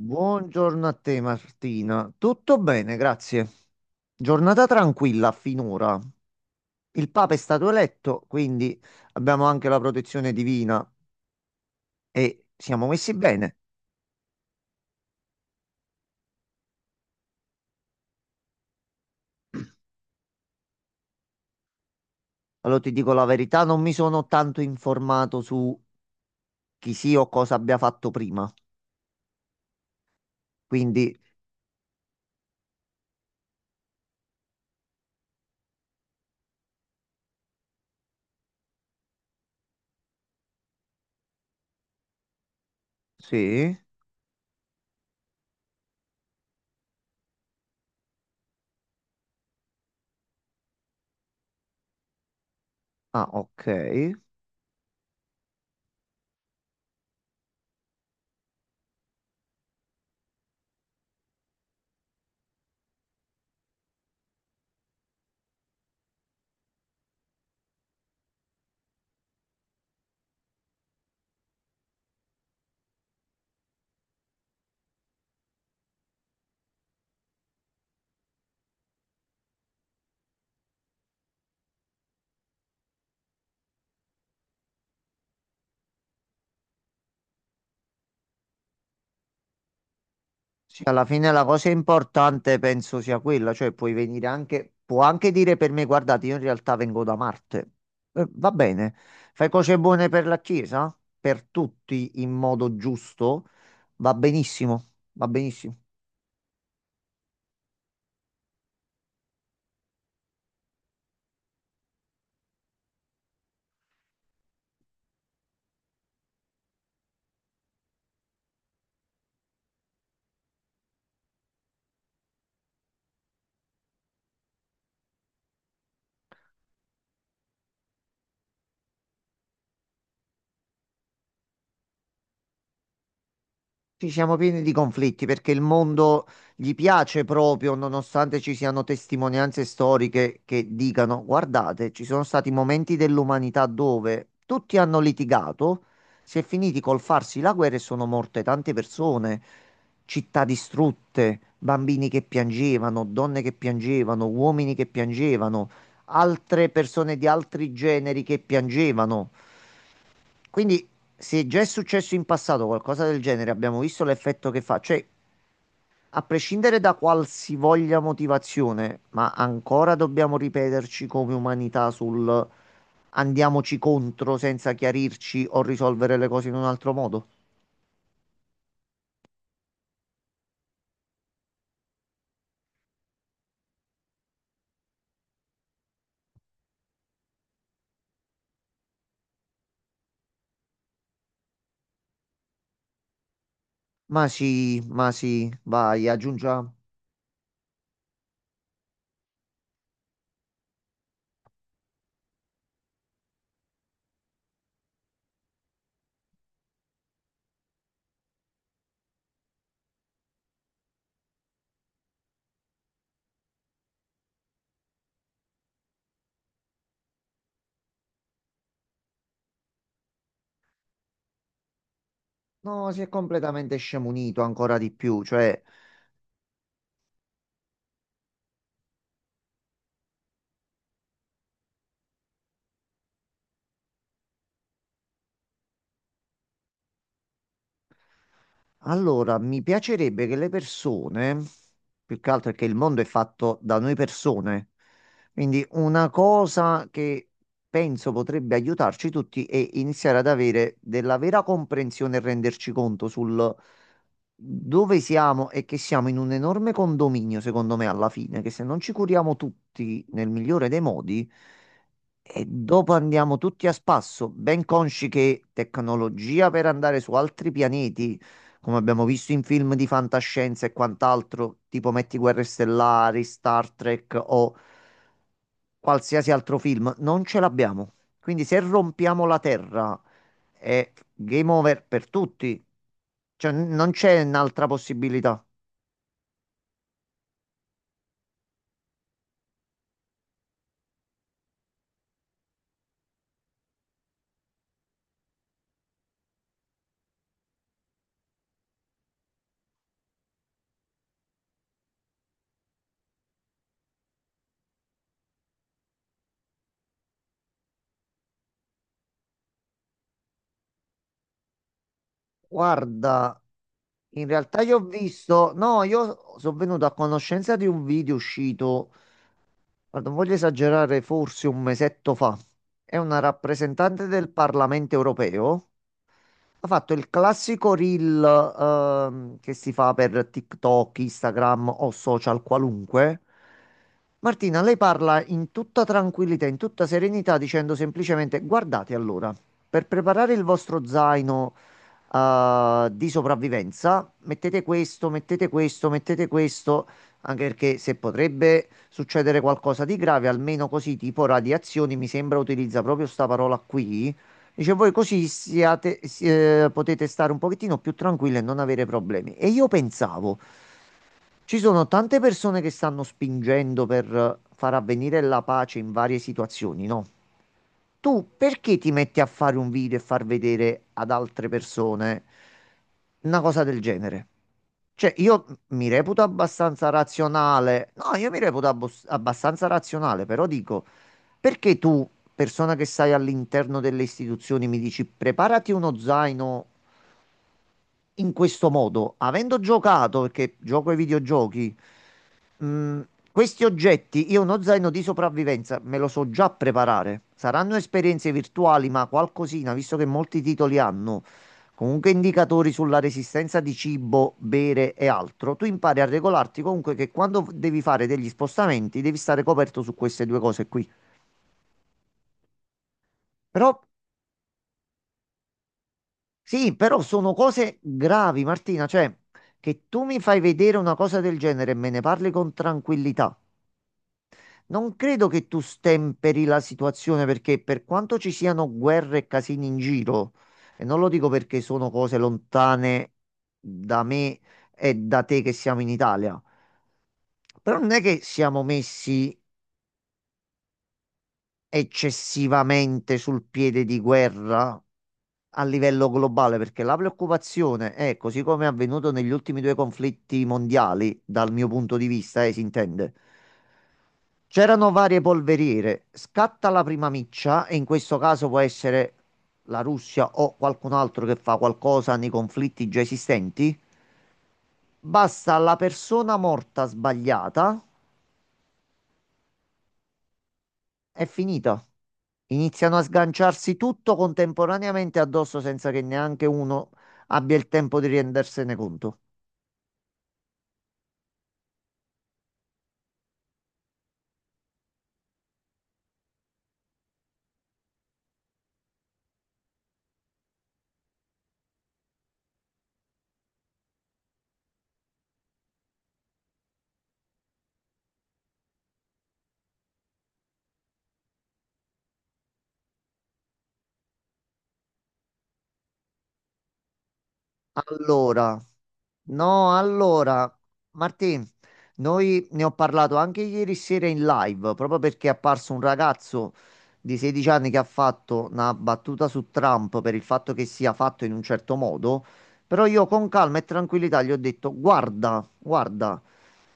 Buongiorno a te Martina, tutto bene, grazie. Giornata tranquilla finora. Il Papa è stato eletto, quindi abbiamo anche la protezione divina e siamo messi bene. Allora ti dico la verità, non mi sono tanto informato su chi sia o cosa abbia fatto prima. Quindi sì, ah ok. Sì. Alla fine la cosa importante penso sia quella, cioè puoi venire anche, può anche dire per me, guardate, io in realtà vengo da Marte. Va bene, fai cose buone per la Chiesa, per tutti in modo giusto, va benissimo, va benissimo. Ci siamo pieni di conflitti perché il mondo gli piace proprio, nonostante ci siano testimonianze storiche che dicano: guardate, ci sono stati momenti dell'umanità dove tutti hanno litigato, si è finiti col farsi la guerra e sono morte tante persone, città distrutte, bambini che piangevano, donne che piangevano, uomini che piangevano, altre persone di altri generi che piangevano. Quindi, se già è successo in passato qualcosa del genere, abbiamo visto l'effetto che fa. Cioè, a prescindere da qualsivoglia motivazione, ma ancora dobbiamo ripeterci come umanità sul andiamoci contro senza chiarirci o risolvere le cose in un altro modo? Ma sì, vai, aggiungiamo. No, si è completamente scemunito ancora di più, cioè. Allora, mi piacerebbe che le persone, più che altro perché il mondo è fatto da noi persone, quindi una cosa che penso potrebbe aiutarci tutti è iniziare ad avere della vera comprensione e renderci conto sul dove siamo e che siamo in un enorme condominio, secondo me, alla fine, che se non ci curiamo tutti nel migliore dei modi, e dopo andiamo tutti a spasso, ben consci che tecnologia per andare su altri pianeti, come abbiamo visto in film di fantascienza e quant'altro, tipo Metti Guerre Stellari, Star Trek o qualsiasi altro film, non ce l'abbiamo. Quindi se rompiamo la Terra è game over per tutti. Cioè, non c'è un'altra possibilità. Guarda, in realtà io ho visto, no, io sono venuto a conoscenza di un video uscito. Ma non voglio esagerare, forse un mesetto fa, è una rappresentante del Parlamento europeo. Ha fatto il classico reel che si fa per TikTok, Instagram o social qualunque. Martina, lei parla in tutta tranquillità, in tutta serenità, dicendo semplicemente: guardate allora, per preparare il vostro zaino di sopravvivenza, mettete questo, mettete questo, mettete questo, anche perché se potrebbe succedere qualcosa di grave, almeno così, tipo radiazioni, mi sembra utilizza proprio sta parola qui. Dice, voi così siate, potete stare un pochettino più tranquilli e non avere problemi. E io pensavo, ci sono tante persone che stanno spingendo per far avvenire la pace in varie situazioni, no? Tu perché ti metti a fare un video e far vedere ad altre persone una cosa del genere? Cioè, io mi reputo abbastanza razionale. No, io mi reputo abbastanza razionale, però dico, perché tu, persona che stai all'interno delle istituzioni, mi dici preparati uno zaino in questo modo, avendo giocato, perché gioco ai videogiochi, mm, questi oggetti, io uno zaino di sopravvivenza me lo so già preparare. Saranno esperienze virtuali, ma qualcosina, visto che molti titoli hanno comunque indicatori sulla resistenza di cibo, bere e altro, tu impari a regolarti comunque che quando devi fare degli spostamenti devi stare coperto su queste due cose qui. Però sì, però sono cose gravi, Martina, cioè che tu mi fai vedere una cosa del genere e me ne parli con tranquillità. Non credo che tu stemperi la situazione perché per quanto ci siano guerre e casini in giro, e non lo dico perché sono cose lontane da me e da te che siamo in Italia, però non è che siamo messi eccessivamente sul piede di guerra a livello globale, perché la preoccupazione è, così come è avvenuto negli ultimi due conflitti mondiali, dal mio punto di vista, si intende. C'erano varie polveriere, scatta la prima miccia e in questo caso può essere la Russia o qualcun altro che fa qualcosa nei conflitti già esistenti. Basta la persona morta sbagliata. È finita. Iniziano a sganciarsi tutto contemporaneamente addosso senza che neanche uno abbia il tempo di rendersene conto. Allora, no, allora, Martì, noi ne ho parlato anche ieri sera in live, proprio perché è apparso un ragazzo di 16 anni che ha fatto una battuta su Trump per il fatto che sia fatto in un certo modo, però io con calma e tranquillità gli ho detto, guarda, guarda,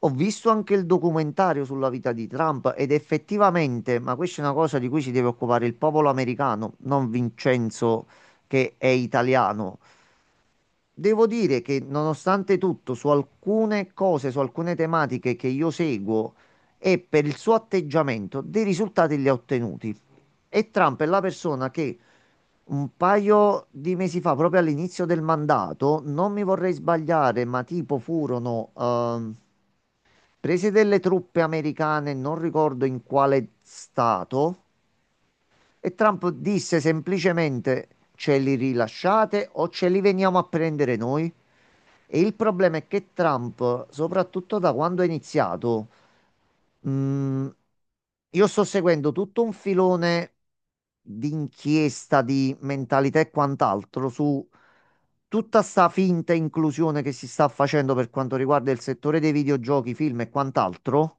ho visto anche il documentario sulla vita di Trump ed effettivamente, ma questa è una cosa di cui si deve occupare il popolo americano, non Vincenzo che è italiano. Devo dire che nonostante tutto, su alcune cose, su alcune tematiche che io seguo e per il suo atteggiamento, dei risultati li ha ottenuti. E Trump è la persona che un paio di mesi fa, proprio all'inizio del mandato, non mi vorrei sbagliare, ma tipo furono prese delle truppe americane, non ricordo in quale stato. E Trump disse semplicemente ce li rilasciate o ce li veniamo a prendere noi. E il problema è che Trump, soprattutto da quando è iniziato, mh, io sto seguendo tutto un filone di inchiesta, di mentalità e quant'altro su tutta sta finta inclusione che si sta facendo per quanto riguarda il settore dei videogiochi, film e quant'altro.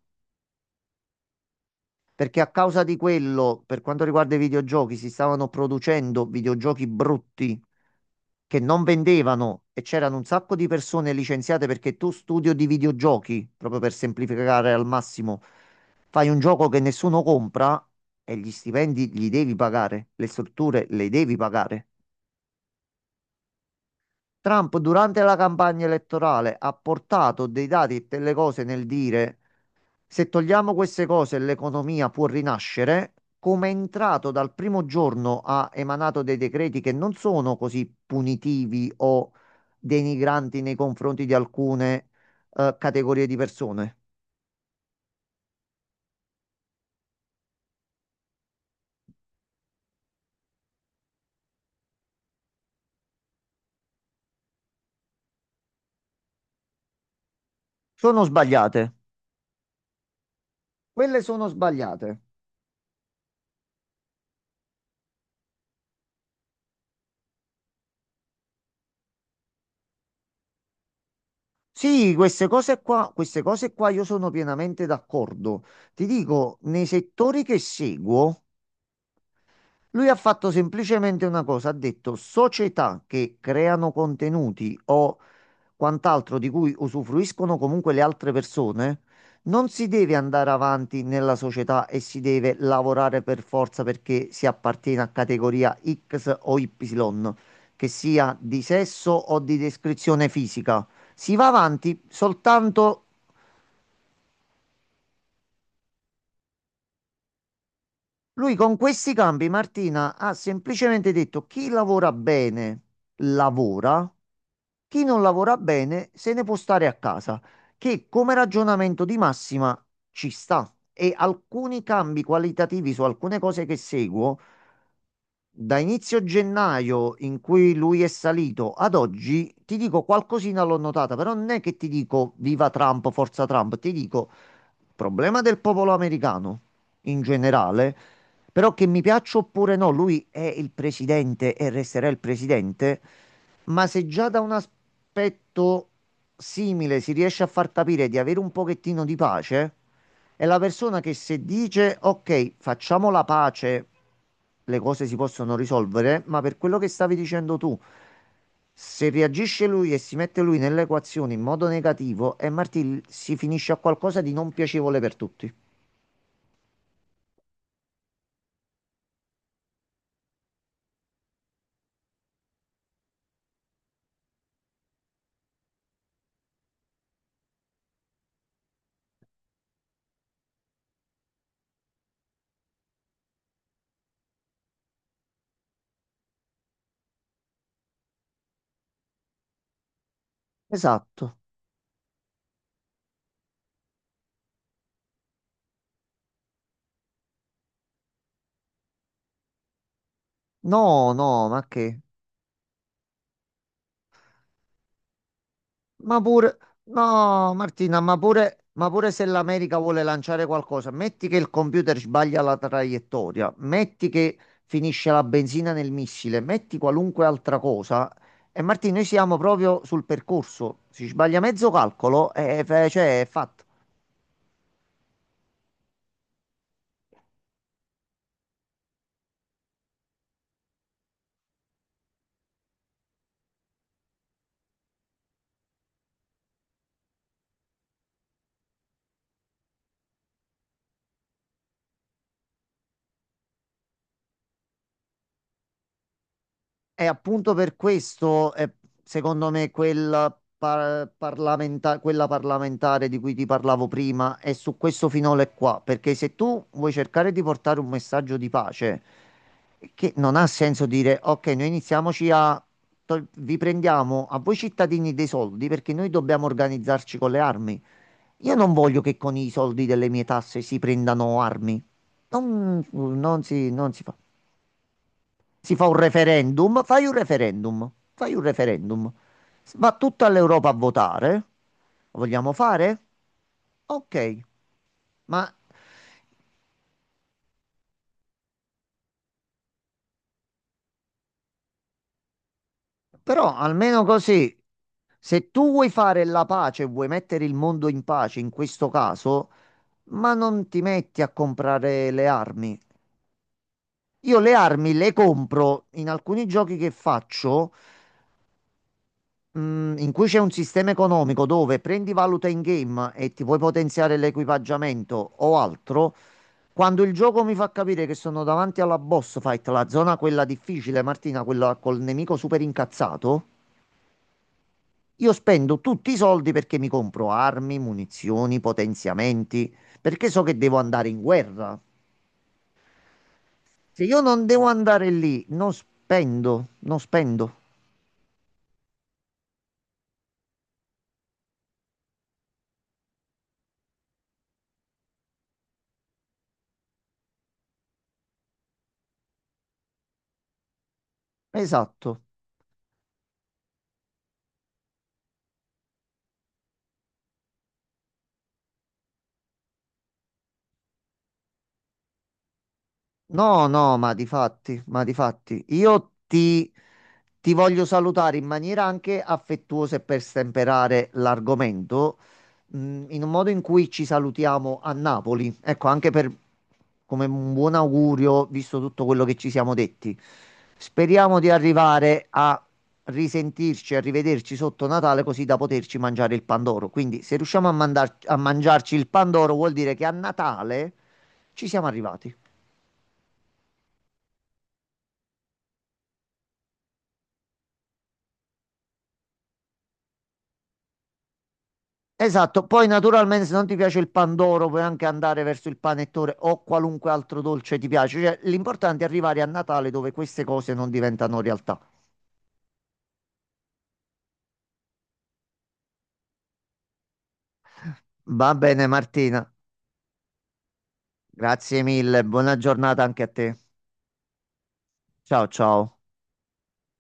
Perché a causa di quello, per quanto riguarda i videogiochi, si stavano producendo videogiochi brutti che non vendevano e c'erano un sacco di persone licenziate perché tu studio di videogiochi, proprio per semplificare al massimo, fai un gioco che nessuno compra e gli stipendi li devi pagare, le strutture le devi pagare. Trump durante la campagna elettorale ha portato dei dati e delle cose nel dire se togliamo queste cose, l'economia può rinascere. Come è entrato dal primo giorno ha emanato dei decreti che non sono così punitivi o denigranti nei confronti di alcune categorie di persone. Sono sbagliate. Quelle sono sbagliate. Sì, queste cose qua io sono pienamente d'accordo. Ti dico, nei settori che seguo, lui ha fatto semplicemente una cosa, ha detto società che creano contenuti o quant'altro di cui usufruiscono comunque le altre persone, non si deve andare avanti nella società e si deve lavorare per forza perché si appartiene a categoria X o Y, che sia di sesso o di descrizione fisica. Si va avanti soltanto. Lui con questi cambi, Martina, ha semplicemente detto chi lavora bene lavora, chi non lavora bene se ne può stare a casa, che come ragionamento di massima ci sta. E alcuni cambi qualitativi su alcune cose che seguo da inizio gennaio in cui lui è salito ad oggi, ti dico qualcosina l'ho notata, però non è che ti dico viva Trump, forza Trump, ti dico problema del popolo americano in generale, però che mi piaccia oppure no, lui è il presidente e resterà il presidente, ma se già da un aspetto simile si riesce a far capire di avere un pochettino di pace, è la persona che se dice ok, facciamo la pace, le cose si possono risolvere, ma per quello che stavi dicendo tu, se reagisce lui e si mette lui nell'equazione in modo negativo, e Martì si finisce a qualcosa di non piacevole per tutti. Esatto. No, no, ma che? Ma pure, no, Martina, ma pure se l'America vuole lanciare qualcosa, metti che il computer sbaglia la traiettoria, metti che finisce la benzina nel missile, metti qualunque altra cosa. E Martina, noi siamo proprio sul percorso. Si sbaglia mezzo calcolo e cioè, è fatto. E appunto per questo, secondo me, quella parlamentare di cui ti parlavo prima è su questo finale qua. Perché se tu vuoi cercare di portare un messaggio di pace, che non ha senso dire, ok, noi iniziamoci a... vi prendiamo a voi cittadini dei soldi perché noi dobbiamo organizzarci con le armi. Io non voglio che con i soldi delle mie tasse si prendano armi. Non si fa. Si fa un referendum, fai un referendum. Va tutta l'Europa a votare. Lo vogliamo fare? Ok, ma però almeno così, se tu vuoi fare la pace, vuoi mettere il mondo in pace in questo caso, ma non ti metti a comprare le armi. Io le armi le compro in alcuni giochi che faccio mm, in cui c'è un sistema economico dove prendi valuta in game e ti puoi potenziare l'equipaggiamento o altro, quando il gioco mi fa capire che sono davanti alla boss fight, la zona quella difficile, Martina, quella col nemico super incazzato, io spendo tutti i soldi perché mi compro armi, munizioni, potenziamenti, perché so che devo andare in guerra. Se io non devo andare lì, non spendo. Esatto. No, no, ma difatti, ti voglio salutare in maniera anche affettuosa e per stemperare l'argomento, mm, in un modo in cui ci salutiamo a Napoli. Ecco, anche per, come un buon augurio, visto tutto quello che ci siamo detti. Speriamo di arrivare a risentirci, a rivederci sotto Natale, così da poterci mangiare il Pandoro. Quindi, se riusciamo a a mangiarci il Pandoro, vuol dire che a Natale ci siamo arrivati. Esatto, poi naturalmente se non ti piace il pandoro puoi anche andare verso il panettone o qualunque altro dolce ti piace, cioè l'importante è arrivare a Natale dove queste cose non diventano realtà. Va bene Martina, grazie mille, buona giornata anche a te. Ciao ciao.